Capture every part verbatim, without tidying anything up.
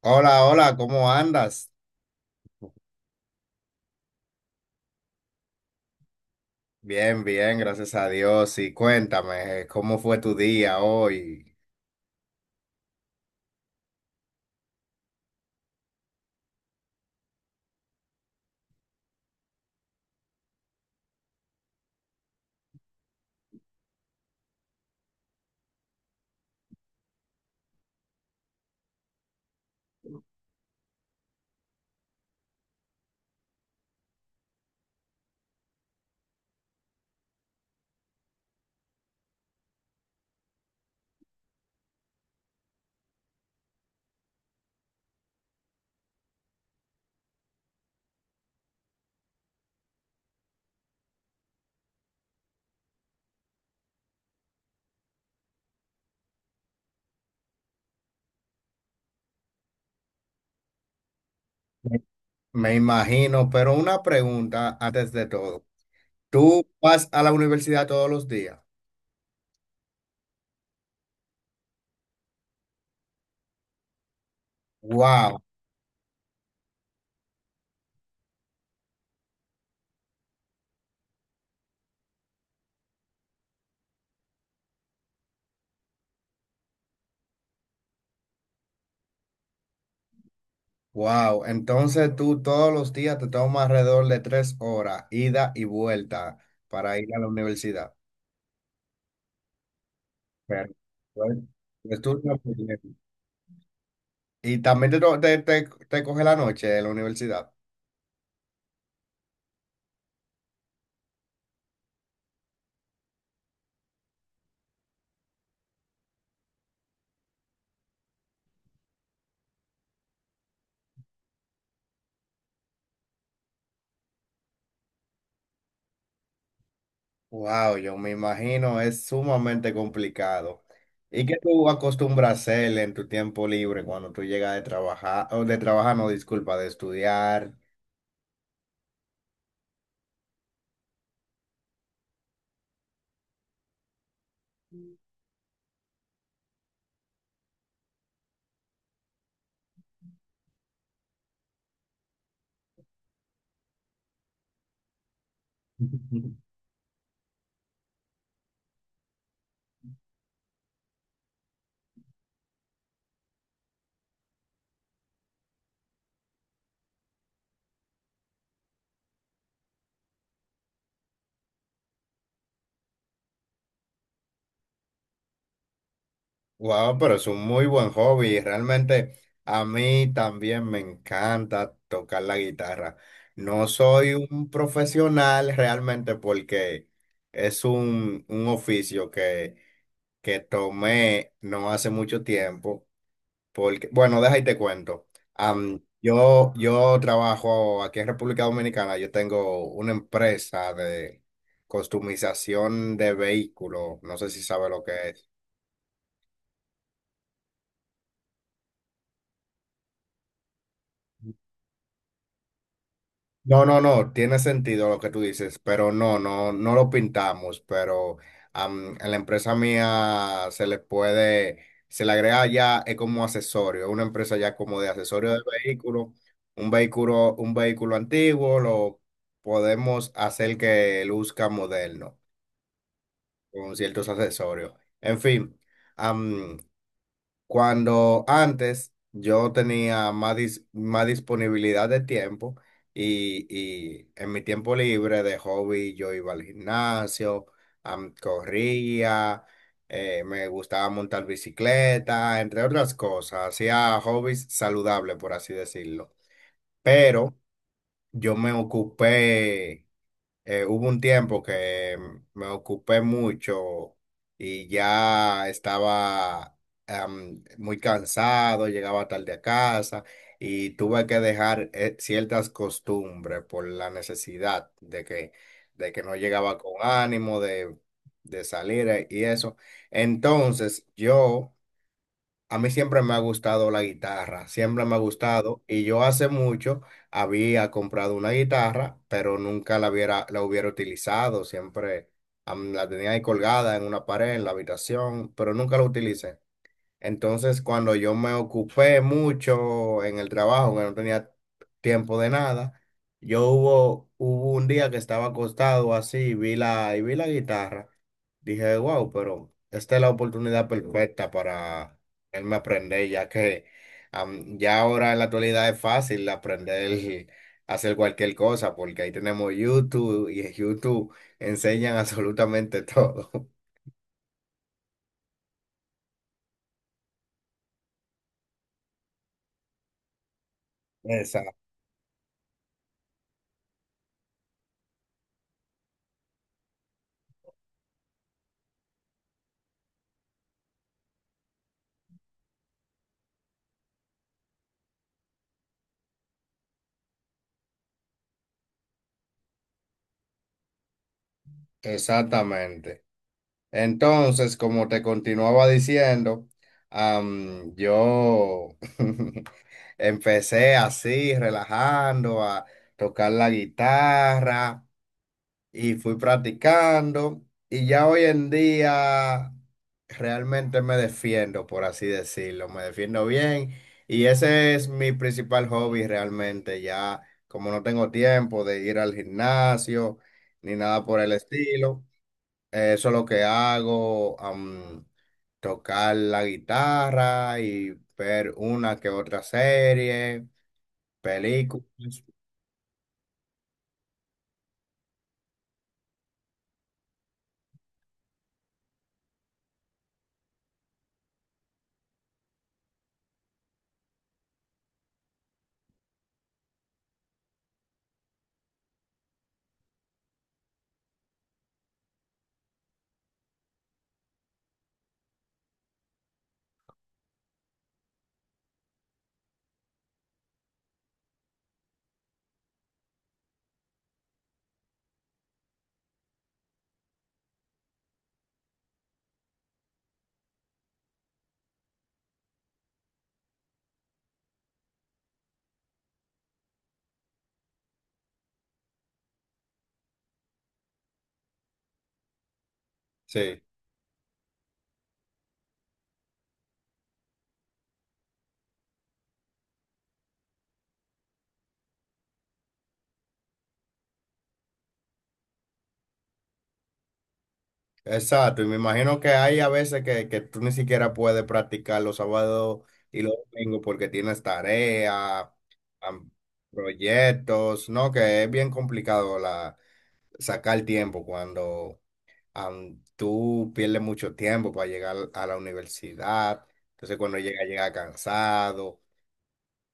Hola, hola, ¿cómo andas? Bien, bien, gracias a Dios. Y cuéntame, eh, ¿cómo fue tu día hoy? Me me imagino, pero una pregunta antes de todo. ¿Tú vas a la universidad todos los días? Wow, wow. Entonces tú todos los días te tomas alrededor de tres horas, ida y vuelta, para ir a la universidad. Pero, pues, estudia muy bien. Y también te, to- te, te te coge la noche en la universidad. Wow, yo me imagino, es sumamente complicado. ¿Y qué tú acostumbras a hacer en tu tiempo libre cuando tú llegas de trabajar, o de trabajar, no, disculpa, de estudiar? Wow, pero es un muy buen hobby. Realmente a mí también me encanta tocar la guitarra. No soy un profesional realmente porque es un, un oficio que, que tomé no hace mucho tiempo. Porque, bueno, deja y te cuento. Am, yo, yo trabajo aquí en República Dominicana, yo tengo una empresa de customización de vehículos, no sé si sabe lo que es. No, no, no, tiene sentido lo que tú dices, pero no, no, no lo pintamos, pero am, a la empresa mía se le puede, se le agrega ya es como accesorio, una empresa ya como de accesorio de vehículo, un vehículo, un vehículo antiguo, lo podemos hacer que luzca moderno con ciertos accesorios. En fin, cuando antes yo tenía más, dis- más disponibilidad de tiempo y, y en mi tiempo libre de hobby yo iba al gimnasio, am- corría, eh, me gustaba montar bicicleta, entre otras cosas, hacía hobbies saludables, por así decirlo. Pero yo me ocupé, eh, hubo un tiempo que me ocupé mucho y ya estaba, am, muy cansado, llegaba tarde a casa y tuve que dejar, eh, ciertas costumbres por la necesidad de que, de que no llegaba con ánimo de, de salir, eh, y eso. Entonces yo, a mí siempre me ha gustado la guitarra, siempre me ha gustado y yo hace mucho había comprado una guitarra, pero nunca la hubiera, la hubiera utilizado, siempre am, la tenía ahí colgada en una pared, en la habitación, pero nunca la utilicé. Entonces, cuando yo me ocupé mucho en el trabajo, que no tenía tiempo de nada, yo hubo, hubo un día que estaba acostado así y vi la, y vi la guitarra. Dije, wow, pero esta es la oportunidad perfecta para él aprender, ya que am, ya ahora en la actualidad es fácil aprender a hacer cualquier cosa, porque ahí tenemos YouTube y en YouTube enseñan absolutamente todo. Esa- Exactamente. Entonces, como te continuaba diciendo, am, yo empecé así, relajando, a tocar la guitarra y fui practicando. Y ya hoy en día realmente me defiendo, por así decirlo, me defiendo bien. Y ese es mi principal hobby realmente, ya como no tengo tiempo de ir al gimnasio ni nada por el estilo. Eso es lo que hago, am, tocar la guitarra y ver una que otra serie, películas. Sí, exacto. Y me imagino que hay a veces que, que tú ni siquiera puedes practicar los sábados y los domingos porque tienes tareas, am, proyectos, ¿no? Que es bien complicado la, sacar tiempo cuando... am, tú pierdes mucho tiempo para llegar a la universidad. Entonces, cuando llega, llega cansado,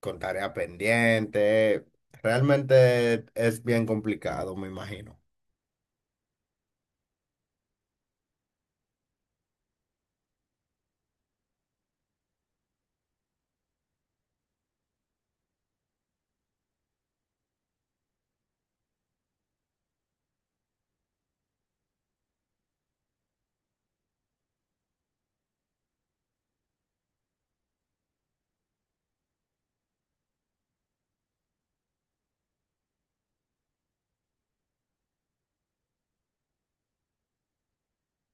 con tarea pendiente. Realmente es bien complicado, me imagino.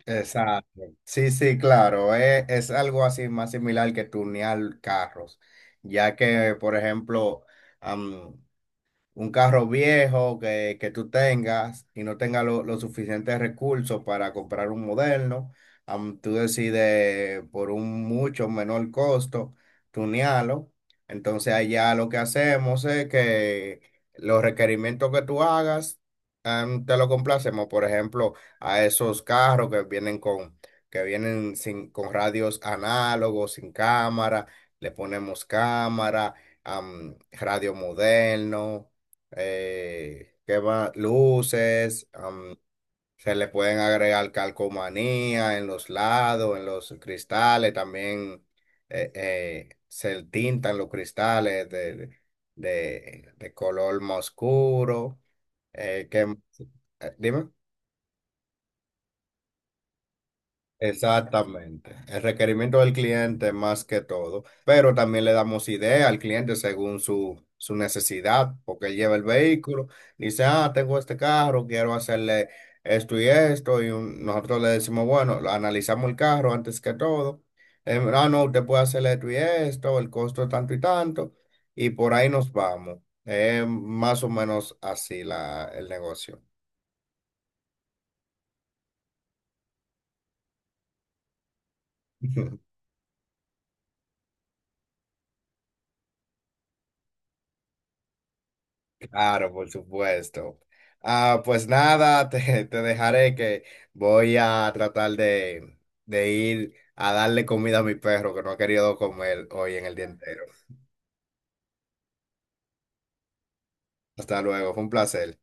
Exacto. Sí, sí, claro. Es, es algo así más similar que tunear carros, ya que, por ejemplo, un carro viejo que, que tú tengas y no tengas lo- los suficientes recursos para comprar un moderno, am, tú decides por un mucho menor costo tunearlo. Entonces allá lo que hacemos es que los requerimientos que tú hagas, te lo complacemos, por ejemplo, a esos carros que vienen con, que vienen sin, con radios análogos, sin cámara, le ponemos cámara, am, radio moderno, eh, ¿qué más? Luces, am, se le pueden agregar calcomanía en los lados, en los cristales, también, eh, eh, se tintan los cristales de, de, de color más oscuro. Eh, que, eh, dime. Exactamente. El requerimiento del cliente más que todo. Pero también le damos idea al cliente según su, su necesidad, porque él lleva el vehículo, dice, ah, tengo este carro, quiero hacerle esto y esto. Y un- nosotros le decimos, bueno, lo analizamos el carro antes que todo. Eh, ah, no, usted puede hacerle esto y esto, el costo es tanto y tanto. Y por ahí nos vamos. Es más o menos así la, el negocio. Claro, por supuesto. Ah, pues nada, te, te dejaré que voy a tratar de, de ir a darle comida a mi perro que no ha querido comer hoy en el día entero. Hasta luego, fue un placer.